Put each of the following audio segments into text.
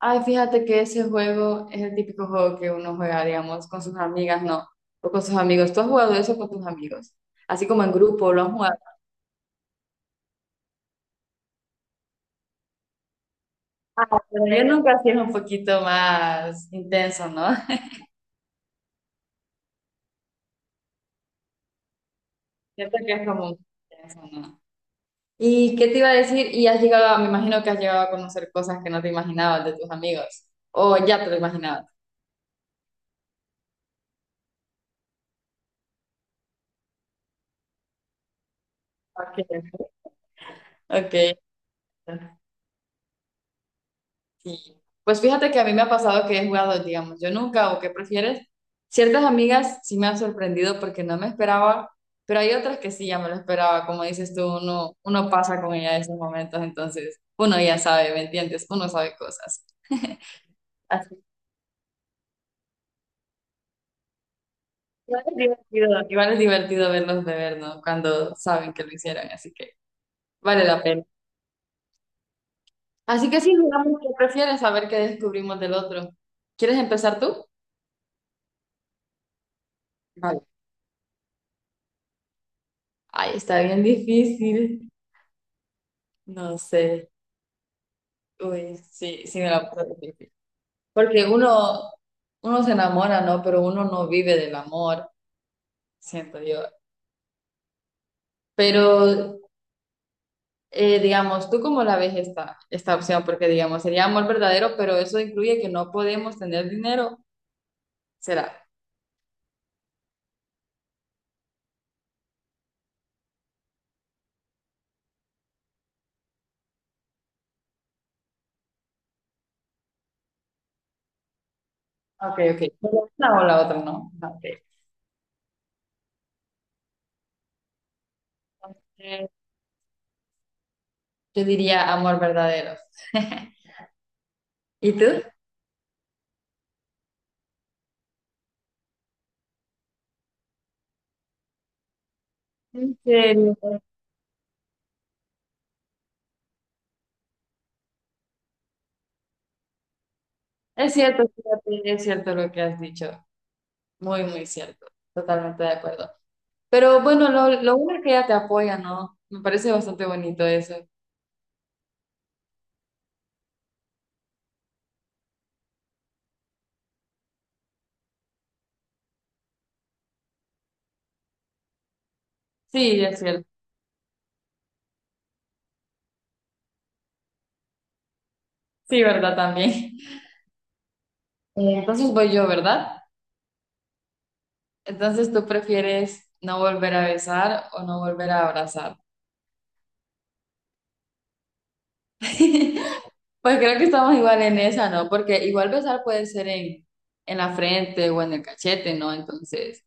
Ay, fíjate que ese juego es el típico juego que uno juega, digamos, con sus amigas, no, o con sus amigos. ¿Tú has jugado eso con tus amigos? Así como en grupo, lo has jugado. Pero yo nunca sí es un poquito más intenso, ¿no? Siento que es como intenso, ¿no? ¿Y qué te iba a decir? Y has llegado, me imagino que has llegado a conocer cosas que no te imaginabas de tus amigos, o ya te lo imaginabas. Ok. Ok. Sí. Pues fíjate que a mí me ha pasado que he jugado, digamos, yo nunca, o qué prefieres, ciertas amigas sí me han sorprendido porque no me esperaba, pero hay otras que sí ya me lo esperaba, como dices tú, uno pasa con ella en esos momentos, entonces uno ya sabe, ¿me entiendes? Uno sabe cosas. Así. Igual es divertido verlos beber, ¿no? Cuando saben que lo hicieron, así que vale la pena. Así que sí, digamos, ¿qué prefieres? A ver qué descubrimos del otro. ¿Quieres empezar tú? Vale. Ay, está bien difícil. No sé. Uy, sí, sí me la puse difícil. Porque uno se enamora, ¿no? Pero uno no vive del amor, siento yo. Pero, digamos, ¿tú cómo la ves esta opción? Porque, digamos, sería amor verdadero, pero eso incluye que no podemos tener dinero, ¿será? Ok, ok. Pero una o la otra, ¿no? Ah, ok. Entonces, yo diría amor verdadero. ¿Y tú? En serio. Es cierto, fíjate, es cierto lo que has dicho. Muy, muy cierto. Totalmente de acuerdo. Pero bueno, lo bueno es que ella te apoya, ¿no? Me parece bastante bonito eso. Sí, es cierto. Sí, ¿verdad? También. Entonces voy yo, ¿verdad? Entonces tú prefieres no volver a besar o no volver a abrazar. Pues creo que estamos igual en esa, ¿no? Porque igual besar puede ser en la frente o en el cachete, ¿no? Entonces,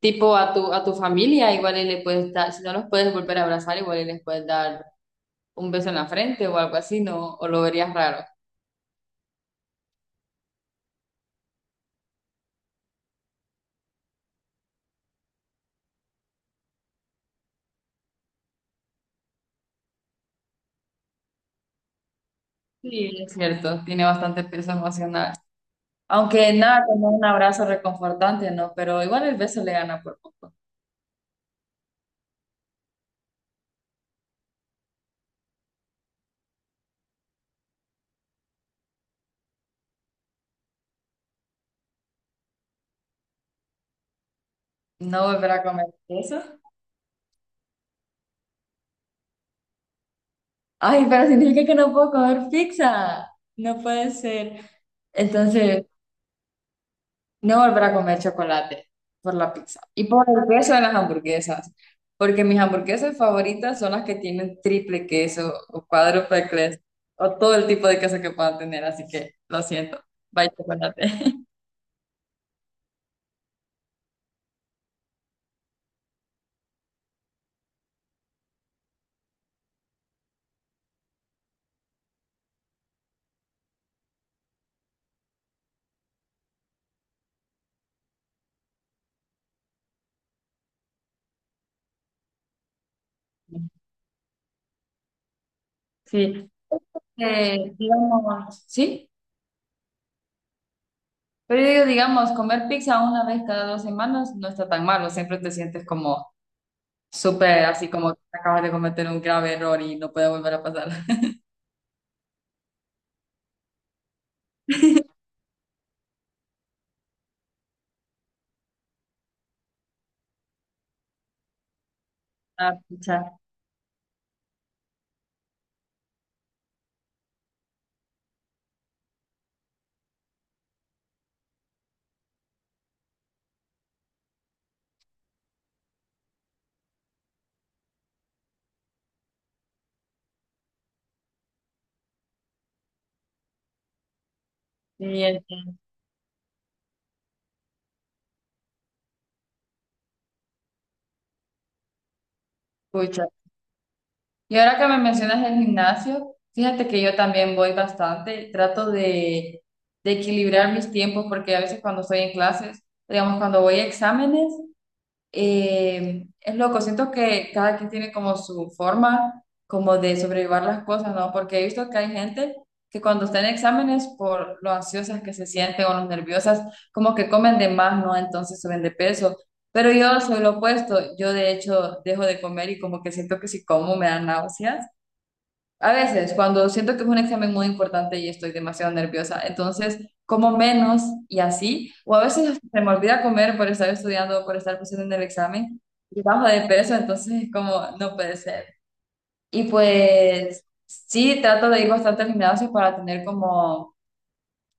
tipo a tu familia, igual y le puedes dar, si no los puedes volver a abrazar, igual y les puedes dar un beso en la frente o algo así, ¿no? O lo verías raro. Sí, es cierto, tiene bastante peso emocional. Aunque nada, como un abrazo reconfortante, ¿no? Pero igual el beso le gana por poco. No volver a comer eso. Ay, pero significa que no puedo comer pizza. No puede ser. Entonces, no volver a comer chocolate por la pizza. Y por el queso de las hamburguesas. Porque mis hamburguesas favoritas son las que tienen triple queso o cuádruple queso o todo el tipo de queso que puedan tener. Así que lo siento. Bye, chocolate. Sí. Digamos, sí, pero yo digo, digamos, comer pizza una vez cada 2 semanas no está tan malo, siempre te sientes como súper, así como que acabas de cometer un grave error y no puede volver a pasar. Ah, pucha, sí, entiendo, pucha. Y ahora que me mencionas el gimnasio, fíjate que yo también voy bastante, trato de, equilibrar mis tiempos porque a veces cuando estoy en clases, digamos, cuando voy a exámenes. Es loco, siento que cada quien tiene como su forma como de sobrellevar las cosas, ¿no? Porque he visto que hay gente que cuando está en exámenes, por lo ansiosas que se sienten o lo nerviosas, como que comen de más, ¿no? Entonces suben de peso. Pero yo soy lo opuesto, yo de hecho dejo de comer y como que siento que si como me dan náuseas a veces, cuando siento que es un examen muy importante y estoy demasiado nerviosa, entonces como menos y así, o a veces hasta se me olvida comer por estar estudiando, por estar pensando en el examen, y bajo de peso, entonces es como, no puede ser. Y pues sí, trato de ir bastante al gimnasio para tener como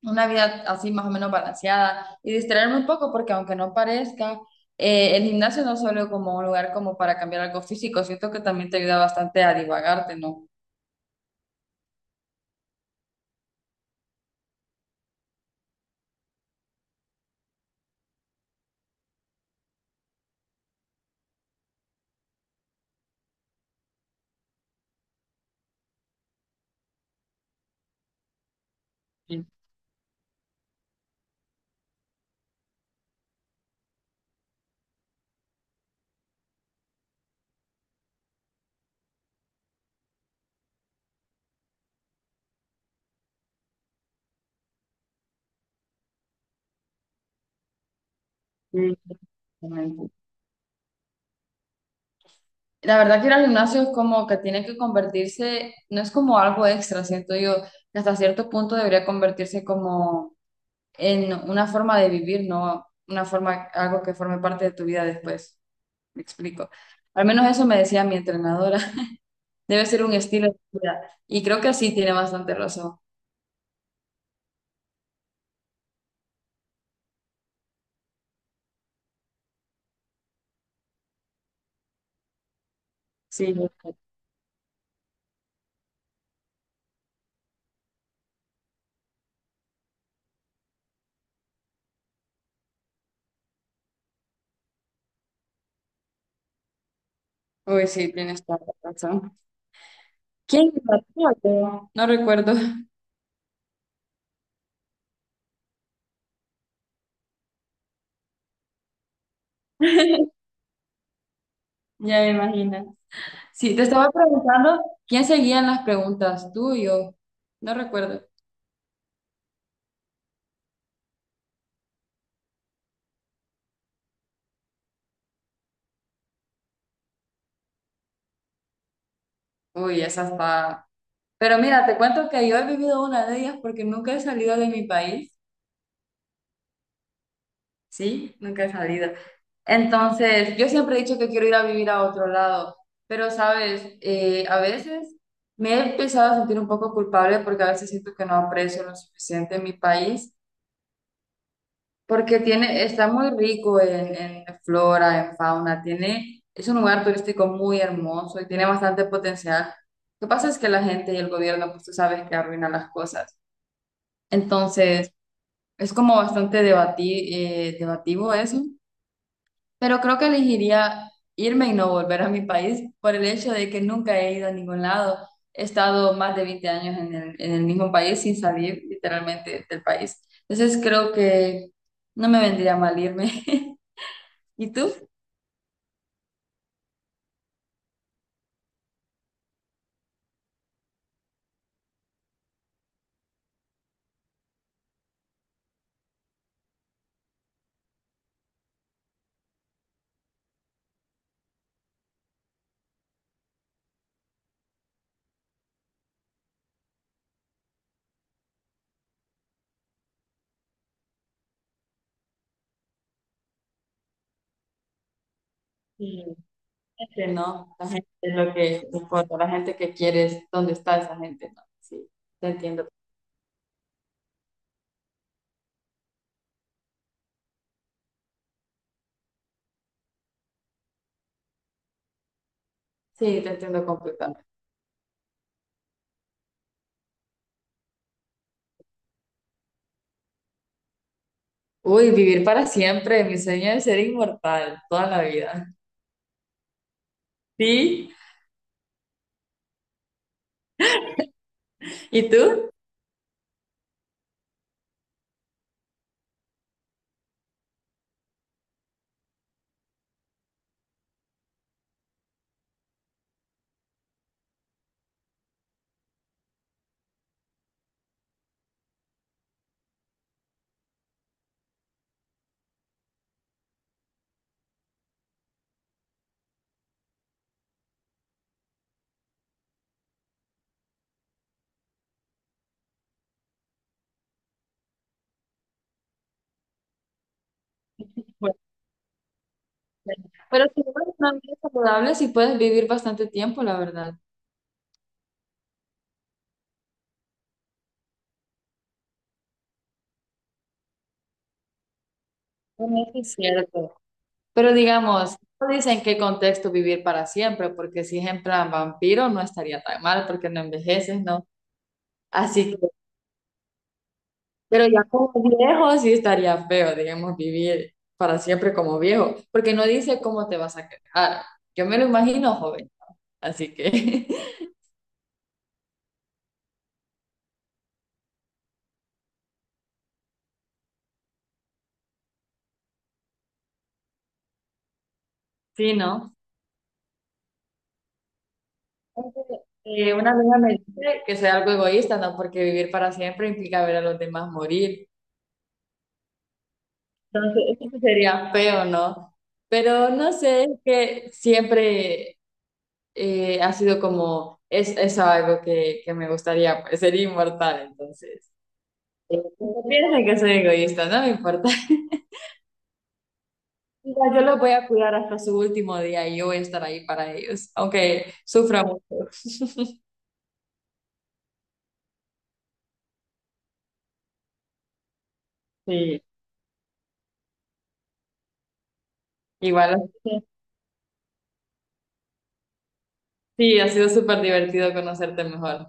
una vida así más o menos balanceada y distraerme un poco, porque aunque no parezca, el gimnasio no es solo como un lugar como para cambiar algo físico, siento que también te ayuda bastante a divagarte, ¿no? Mm, exactamente. La verdad que ir al gimnasio es como que tiene que convertirse, no es como algo extra, siento yo, que hasta cierto punto debería convertirse como en una forma de vivir, no una forma, algo que forme parte de tu vida después. Me explico. Al menos eso me decía mi entrenadora. Debe ser un estilo de vida. Y creo que sí tiene bastante razón. Sí, uy, sí, tienes toda la razón. ¿Quién la puso? No recuerdo. Ya me imagino. Sí, te estaba preguntando quién seguían las preguntas, tú y yo. No recuerdo. Uy, esa está. Pero mira, te cuento que yo he vivido una de ellas porque nunca he salido de mi país. Sí, nunca he salido. Entonces, yo siempre he dicho que quiero ir a vivir a otro lado, pero sabes, a veces me he empezado a sentir un poco culpable porque a veces siento que no aprecio lo suficiente mi país. Porque tiene, está muy rico en, flora, en fauna, tiene, es un lugar turístico muy hermoso y tiene bastante potencial. Lo que pasa es que la gente y el gobierno, pues tú sabes que arruinan las cosas. Entonces, es como bastante debativo eso, pero creo que elegiría irme y no volver a mi país por el hecho de que nunca he ido a ningún lado. He estado más de 20 años en el mismo país sin salir literalmente del país. Entonces, creo que no me vendría mal irme. ¿Y tú? Sí, gente, no, la gente es lo que importa, la gente que quieres, ¿dónde está esa gente? No, te entiendo, sí, te entiendo completamente. Uy, vivir para siempre. Mi sueño es ser inmortal toda la vida. ¿Sí? ¿Y tú? Bueno, bueno, pero si llevas una vida saludable, sí puedes vivir bastante tiempo, la verdad. Bueno, eso es cierto. Pero digamos, no dice en qué contexto vivir para siempre, porque si es en plan vampiro no estaría tan mal, porque no envejeces, ¿no? Así. Pero ya como viejo sí estaría feo, digamos, vivir para siempre como viejo, porque no dice cómo te vas a quejar. Yo me lo imagino joven, así que sí, ¿no? Entonces, una amiga me dice que soy algo egoísta, ¿no? Porque vivir para siempre implica ver a los demás morir. Entonces, eso sí sería feo, ¿no? Pero no sé, es que siempre ha sido como, eso algo que me gustaría, pues, ser inmortal, entonces. Eh, Piensen que soy egoísta, no me importa. Mira, yo los voy a cuidar hasta su último día y yo voy a estar ahí para ellos, aunque sufra mucho. Sí, igual. Sí, ha sido súper divertido conocerte mejor.